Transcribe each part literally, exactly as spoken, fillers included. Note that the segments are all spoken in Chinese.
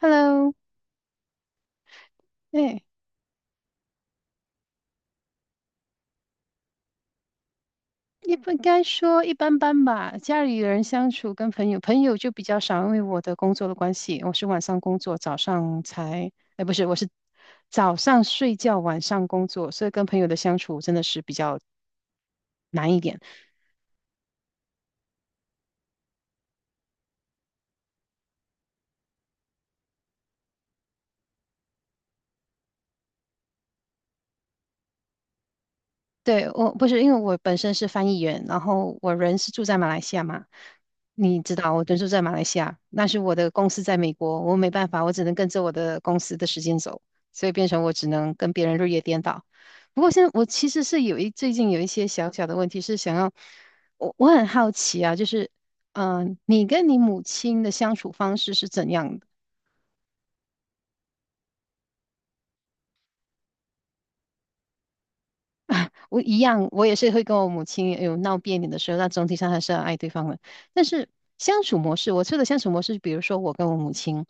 Hello，哎，也不该说一般般吧。家里人相处跟朋友，朋友就比较少，因为我的工作的关系，我是晚上工作，早上才，哎，不是，我是早上睡觉，晚上工作，所以跟朋友的相处真的是比较难一点。对，我不是因为我本身是翻译员，然后我人是住在马来西亚嘛，你知道我人住在马来西亚，但是我的公司在美国，我没办法，我只能跟着我的公司的时间走，所以变成我只能跟别人日夜颠倒。不过现在我其实是有一最近有一些小小的问题是想要，我我很好奇啊，就是嗯、呃你跟你母亲的相处方式是怎样的？我一样，我也是会跟我母亲有闹别扭的时候，但总体上还是要爱对方的。但是相处模式，我说的相处模式，比如说我跟我母亲，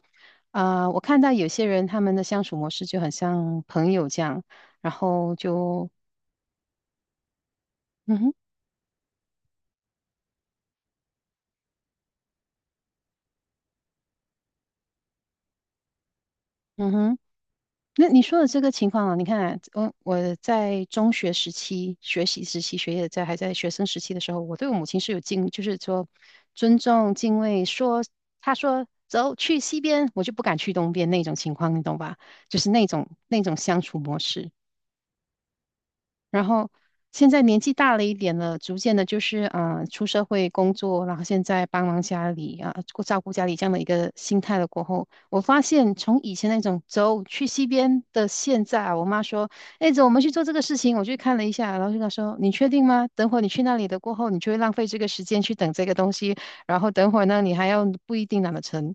啊、我看到有些人他们的相处模式就很像朋友这样，然后就嗯哼嗯哼。那你说的这个情况啊，你看啊，我我在中学时期、学习时期、学业在还在学生时期的时候，我对我母亲是有敬，就是说尊重、敬畏。说她说走去西边，我就不敢去东边那种情况，你懂吧？就是那种那种相处模式。然后现在年纪大了一点了，逐渐的，就是啊、呃出社会工作，然后现在帮忙家里啊，顾照顾家里这样的一个心态了过后，我发现从以前那种走去西边的现在啊，我妈说，哎，走，我们去做这个事情，我去看了一下，然后就跟她说，你确定吗？等会儿你去那里的过后，你就会浪费这个时间去等这个东西，然后等会儿呢，你还要不一定拿得成，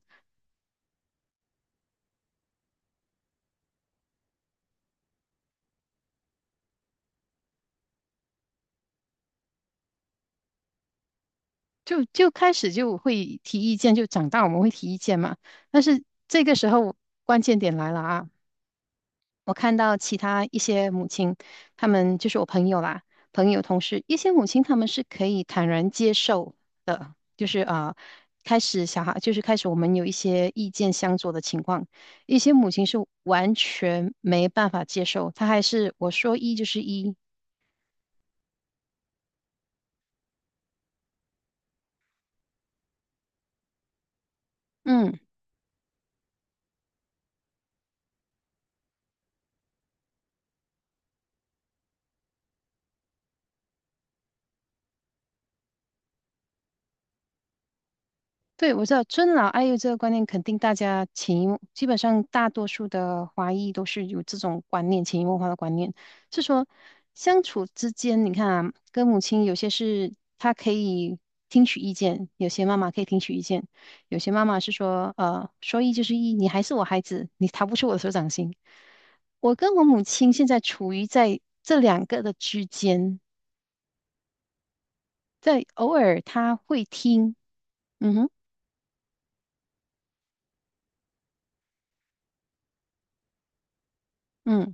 就就开始就会提意见，就长大我们会提意见嘛，但是这个时候关键点来了啊。我看到其他一些母亲，他们就是我朋友啦，朋友同事，一些母亲他们是可以坦然接受的，就是啊，开始小孩就是开始我们有一些意见相左的情况，一些母亲是完全没办法接受，她还是我说一就是一，嗯。对，我知道尊老爱幼这个观念，肯定大家潜移默基本上大多数的华裔都是有这种观念，潜移默化的观念，是说相处之间，你看啊，跟母亲有些是她可以听取意见，有些妈妈可以听取意见，有些妈妈是说，呃，说一就是一，你还是我孩子，你逃不出我的手掌心。我跟我母亲现在处于在这两个的之间，在偶尔她会听，嗯哼，嗯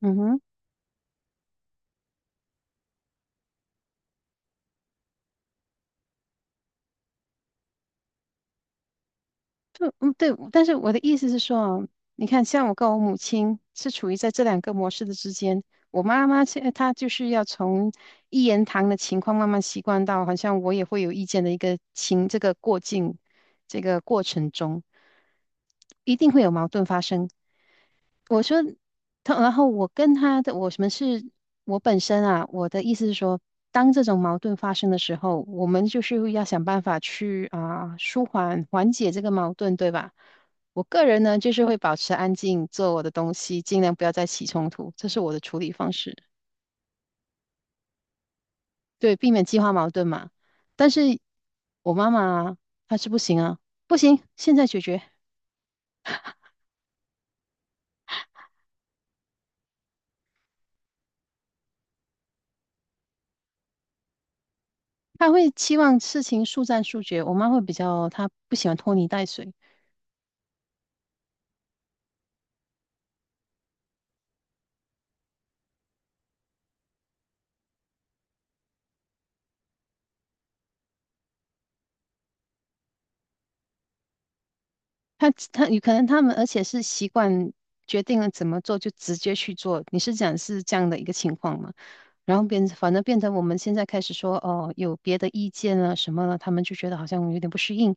嗯哼。嗯嗯，对，但是我的意思是说啊，你看，像我跟我母亲是处于在这两个模式的之间。我妈妈现在她就是要从一言堂的情况慢慢习惯到，好像我也会有意见的一个情这个过境这个过程中，一定会有矛盾发生。我说，他然后我跟他的，我们是，我本身啊，我的意思是说，当这种矛盾发生的时候，我们就是要想办法去啊、舒缓缓解这个矛盾，对吧？我个人呢，就是会保持安静，做我的东西，尽量不要再起冲突，这是我的处理方式，对，避免激化矛盾嘛。但是我妈妈她是不行啊，不行，现在解决，她会期望事情速战速决，我妈会比较，她不喜欢拖泥带水。他他有可能他们，而且是习惯决定了怎么做就直接去做。你是讲是这样的一个情况吗？然后变，反正变成我们现在开始说哦，有别的意见了什么了，他们就觉得好像有点不适应。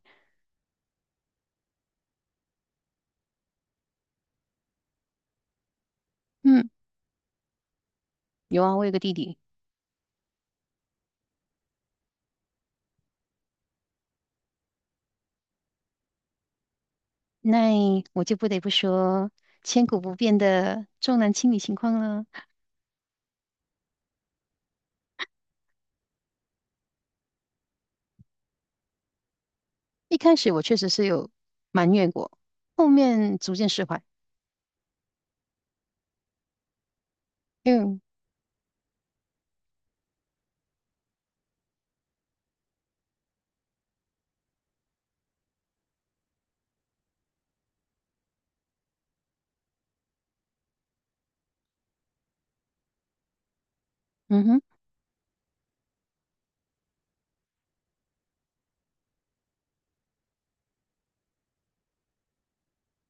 嗯，有啊，我有个弟弟，那我就不得不说千古不变的重男轻女情况了。一开始我确实是有埋怨过，后面逐渐释怀。嗯嗯哼。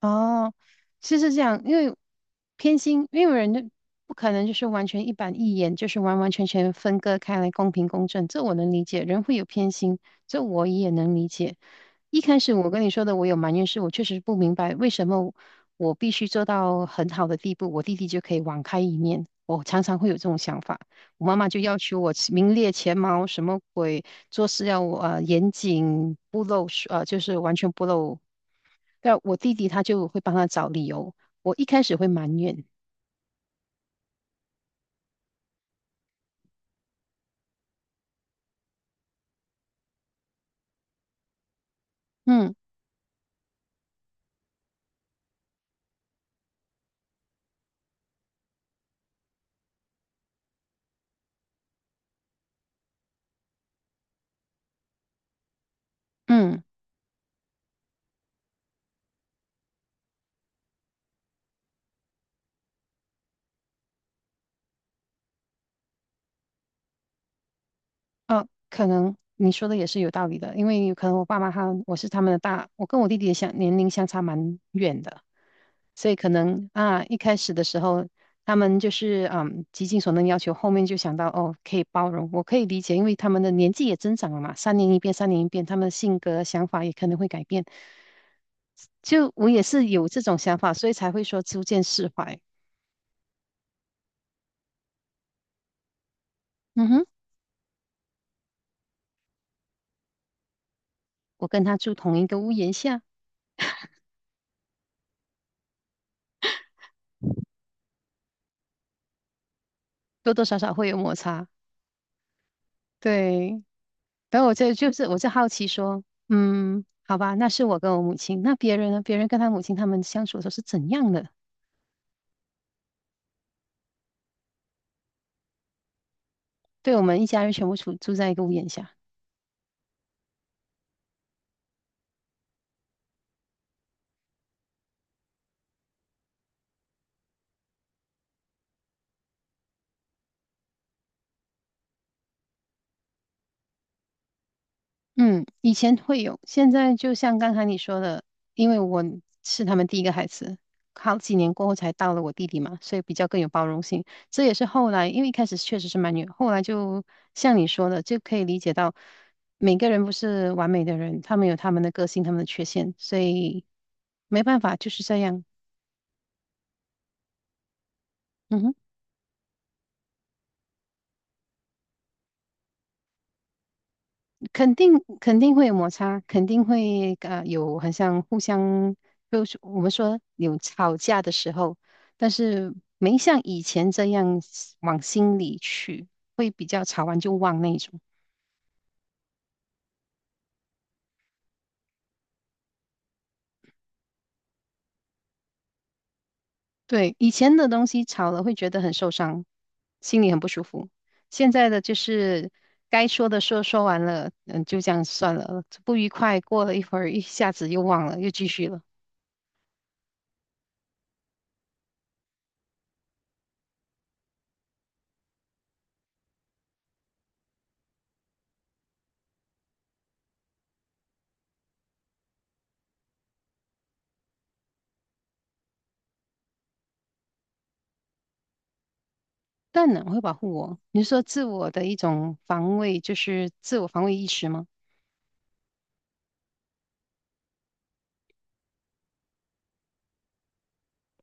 哦，其实是这样，因为偏心，因为人就不可能就是完全一板一眼，就是完完全全分割开来，公平公正，这我能理解。人会有偏心，这我也能理解。一开始我跟你说的，我有埋怨是，我确实不明白为什么我必须做到很好的地步，我弟弟就可以网开一面。我常常会有这种想法。我妈妈就要求我起名列前茅，什么鬼，做事要呃严谨，不漏呃就是完全不漏。但我弟弟他就会帮他找理由，我一开始会埋怨，嗯嗯，啊，可能你说的也是有道理的，因为可能我爸妈他我是他们的大，我跟我弟弟的相年龄相差蛮远的。所以可能啊，一开始的时候，他们就是嗯，极尽所能要求，后面就想到哦，可以包容，我可以理解，因为他们的年纪也增长了嘛，三年一变，三年一变，他们的性格、想法也可能会改变。就我也是有这种想法，所以才会说逐渐释怀。嗯哼，我跟他住同一个屋檐下，多多少少会有摩擦。对，然后我就就是我就好奇说，嗯，好吧，那是我跟我母亲，那别人呢？别人跟他母亲他们相处的时候是怎样的？对，我们一家人全部住住在一个屋檐下。嗯，以前会有，现在就像刚才你说的，因为我是他们第一个孩子，好几年过后才到了我弟弟嘛，所以比较更有包容性。这也是后来，因为一开始确实是蛮远，后来就像你说的，就可以理解到每个人不是完美的人，他们有他们的个性，他们的缺陷，所以没办法，就是这样。嗯哼。肯定肯定会有摩擦，肯定会呃有很像互相，就是我们说有吵架的时候，但是没像以前这样往心里去，会比较吵完就忘那一种。对，以前的东西吵了会觉得很受伤，心里很不舒服。现在的就是该说的说说完了，嗯，就这样算了，不愉快过了一会儿，一下子又忘了，又继续了。当然会保护我。你是说自我的一种防卫，就是自我防卫意识吗？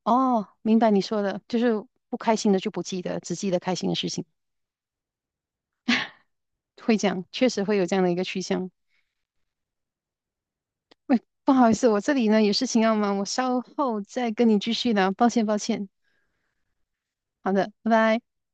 哦，明白你说的，就是不开心的就不记得，只记得开心的事情，会这样，确实会有这样的一个趋向。不好意思，我这里呢有事情要忙，我稍后再跟你继续聊，抱歉抱歉。好的，拜拜。